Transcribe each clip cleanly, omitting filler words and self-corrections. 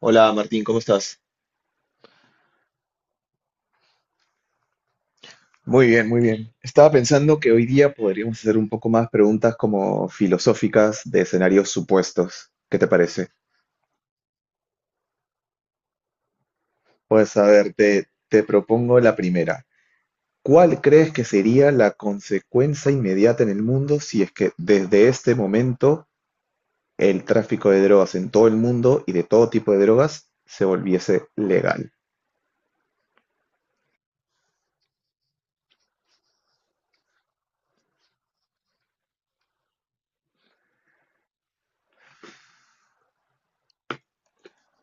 Hola Martín, ¿cómo estás? Muy bien, muy bien. Estaba pensando que hoy día podríamos hacer un poco más preguntas como filosóficas de escenarios supuestos. ¿Qué te parece? Pues a ver, te propongo la primera. ¿Cuál crees que sería la consecuencia inmediata en el mundo si es que desde este momento el tráfico de drogas en todo el mundo y de todo tipo de drogas se volviese legal?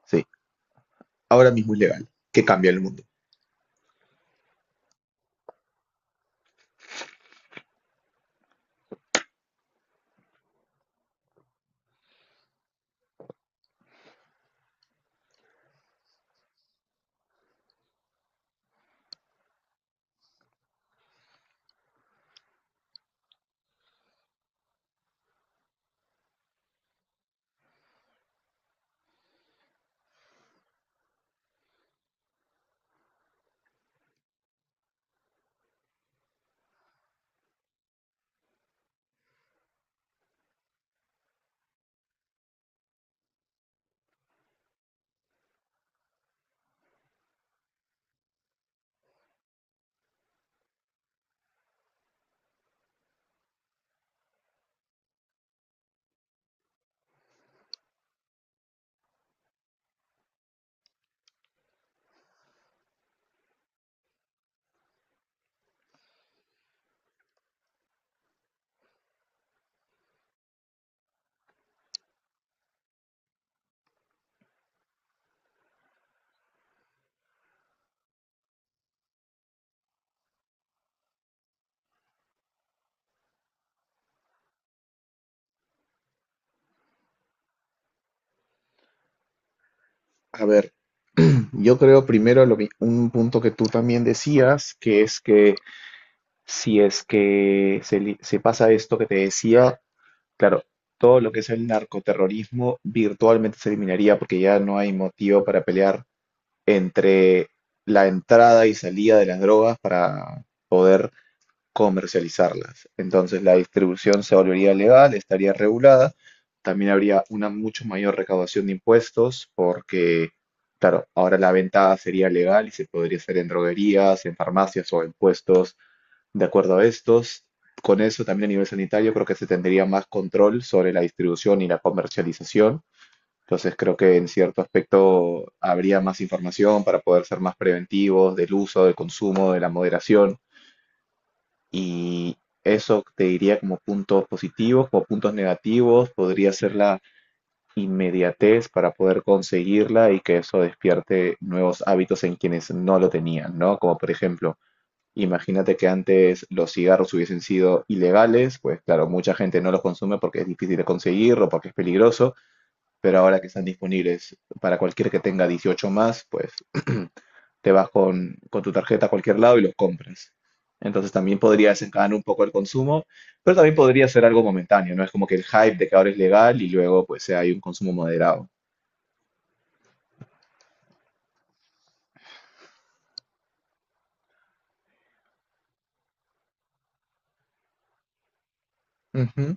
Sí, ahora mismo es legal. ¿Qué cambia el mundo? A ver, yo creo primero un punto que tú también decías, que es que si es que se pasa esto que te decía, claro, todo lo que es el narcoterrorismo virtualmente se eliminaría porque ya no hay motivo para pelear entre la entrada y salida de las drogas para comercializarlas. Entonces la distribución se volvería legal, estaría regulada, también habría una mucho mayor recaudación de impuestos porque, claro, ahora la venta sería legal y se podría hacer en droguerías, en farmacias o en puestos de acuerdo a estos. Con eso también a nivel sanitario creo que se tendría más control sobre la distribución y la comercialización. Entonces creo que en cierto aspecto habría más información para poder ser más preventivos del uso, del consumo, de la moderación. Y eso te diría como puntos positivos; como puntos negativos, podría ser la inmediatez para poder conseguirla y que eso despierte nuevos hábitos en quienes no lo tenían, ¿no? Como por ejemplo, imagínate que antes los cigarros hubiesen sido ilegales, pues claro, mucha gente no los consume porque es difícil de conseguir o porque es peligroso, pero ahora que están disponibles para cualquier que tenga 18 más, pues te vas con tu tarjeta a cualquier lado y lo compras. Entonces también podría desencadenar un poco el consumo, pero también podría ser algo momentáneo, ¿no? Es como que el hype de que ahora es legal y luego pues hay un consumo moderado. Ujú.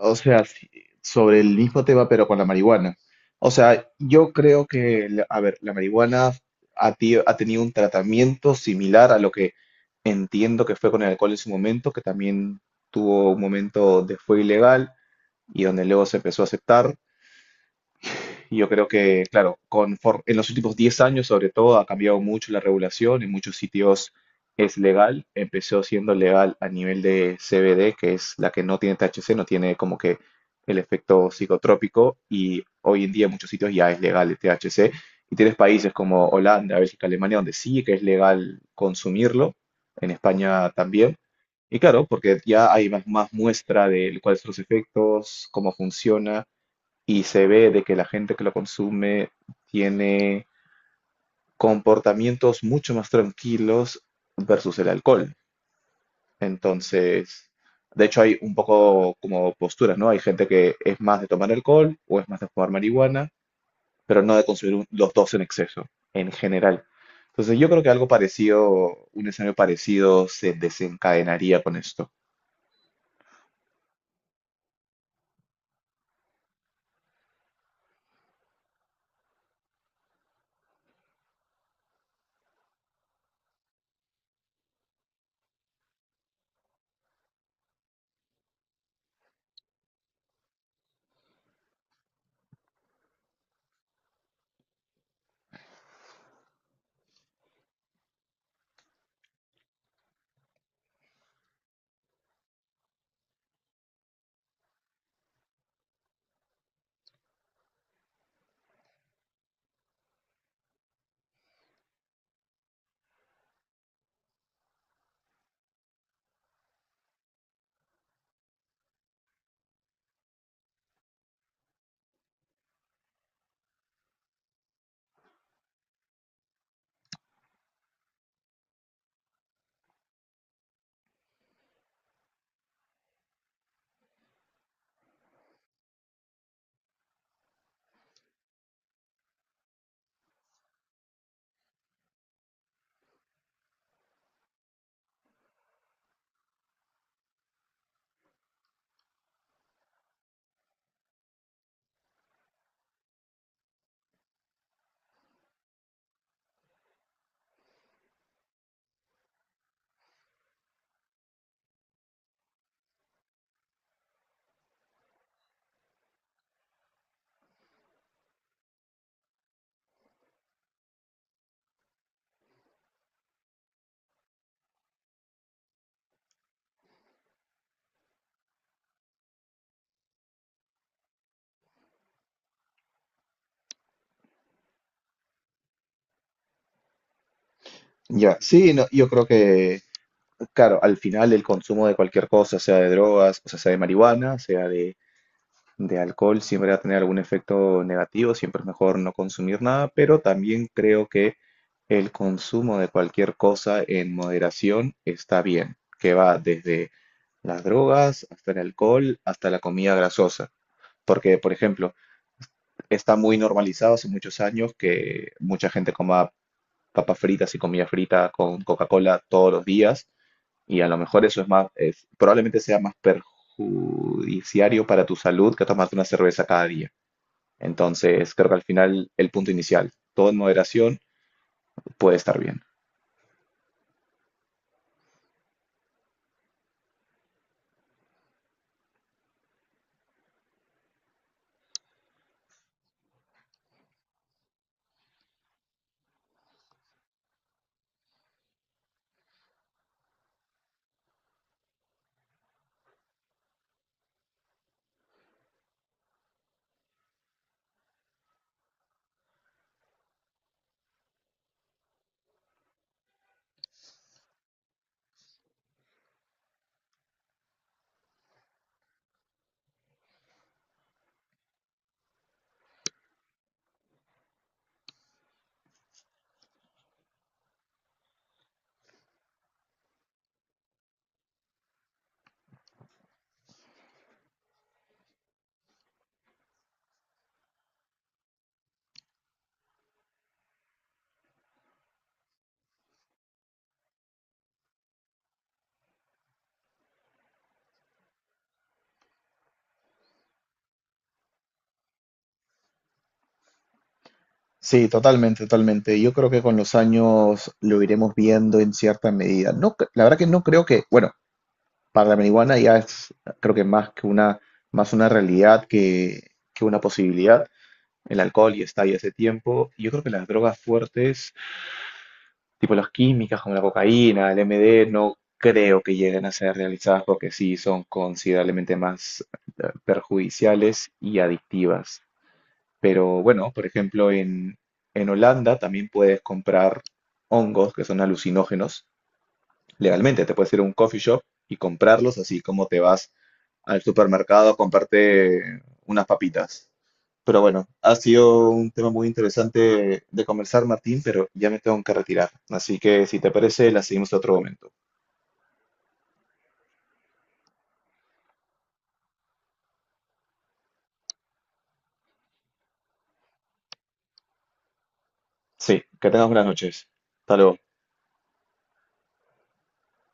O sea, sí, sobre el mismo tema, pero con la marihuana. O sea, yo creo que, a ver, la marihuana ha tenido un tratamiento similar a lo que entiendo que fue con el alcohol en su momento, que también tuvo un momento de fue ilegal y donde luego se empezó a aceptar. Y yo creo que, claro, en los últimos 10 años, sobre todo, ha cambiado mucho la regulación. En muchos sitios es legal. Empezó siendo legal a nivel de CBD, que es la que no tiene THC, no tiene como que el efecto psicotrópico. Y hoy en día en muchos sitios ya es legal el THC. Y tienes países como Holanda, Bélgica, Alemania, donde sí que es legal consumirlo. En España también. Y claro, porque ya hay más muestra de cuáles son los efectos, cómo funciona y se ve de que la gente que lo consume tiene comportamientos mucho más tranquilos versus el alcohol. Entonces, de hecho hay un poco como posturas, ¿no? Hay gente que es más de tomar alcohol o es más de fumar marihuana, pero no de consumir los dos en exceso, en general. Entonces, yo creo que algo parecido, un escenario parecido se desencadenaría con esto. Ya, sí, no, yo creo que, claro, al final el consumo de cualquier cosa, sea de drogas, o sea, sea de marihuana, sea de alcohol siempre va a tener algún efecto negativo, siempre es mejor no consumir nada, pero también creo que el consumo de cualquier cosa en moderación está bien, que va desde las drogas hasta el alcohol, hasta la comida grasosa. Porque, por ejemplo, está muy normalizado hace muchos años que mucha gente coma papas fritas y comida frita con Coca-Cola todos los días, y a lo mejor eso es más, probablemente sea más perjudiciario para tu salud que tomarte una cerveza cada día. Entonces, creo que al final el punto inicial, todo en moderación, puede estar bien. Sí, totalmente, totalmente. Yo creo que con los años lo iremos viendo en cierta medida. No, la verdad que no creo que, bueno, para la marihuana ya es, creo que más que una, más una realidad que una posibilidad. El alcohol ya está ahí hace tiempo. Yo creo que las drogas fuertes, tipo las químicas como la cocaína, el MD, no creo que lleguen a ser realizadas porque sí son considerablemente más perjudiciales y adictivas. Pero bueno, por ejemplo, en Holanda también puedes comprar hongos que son alucinógenos legalmente. Te puedes ir a un coffee shop y comprarlos, así como te vas al supermercado a comprarte unas papitas. Pero bueno, ha sido un tema muy interesante de conversar, Martín, pero ya me tengo que retirar. Así que si te parece, la seguimos en otro momento. Sí, que tengas buenas noches. Hasta luego.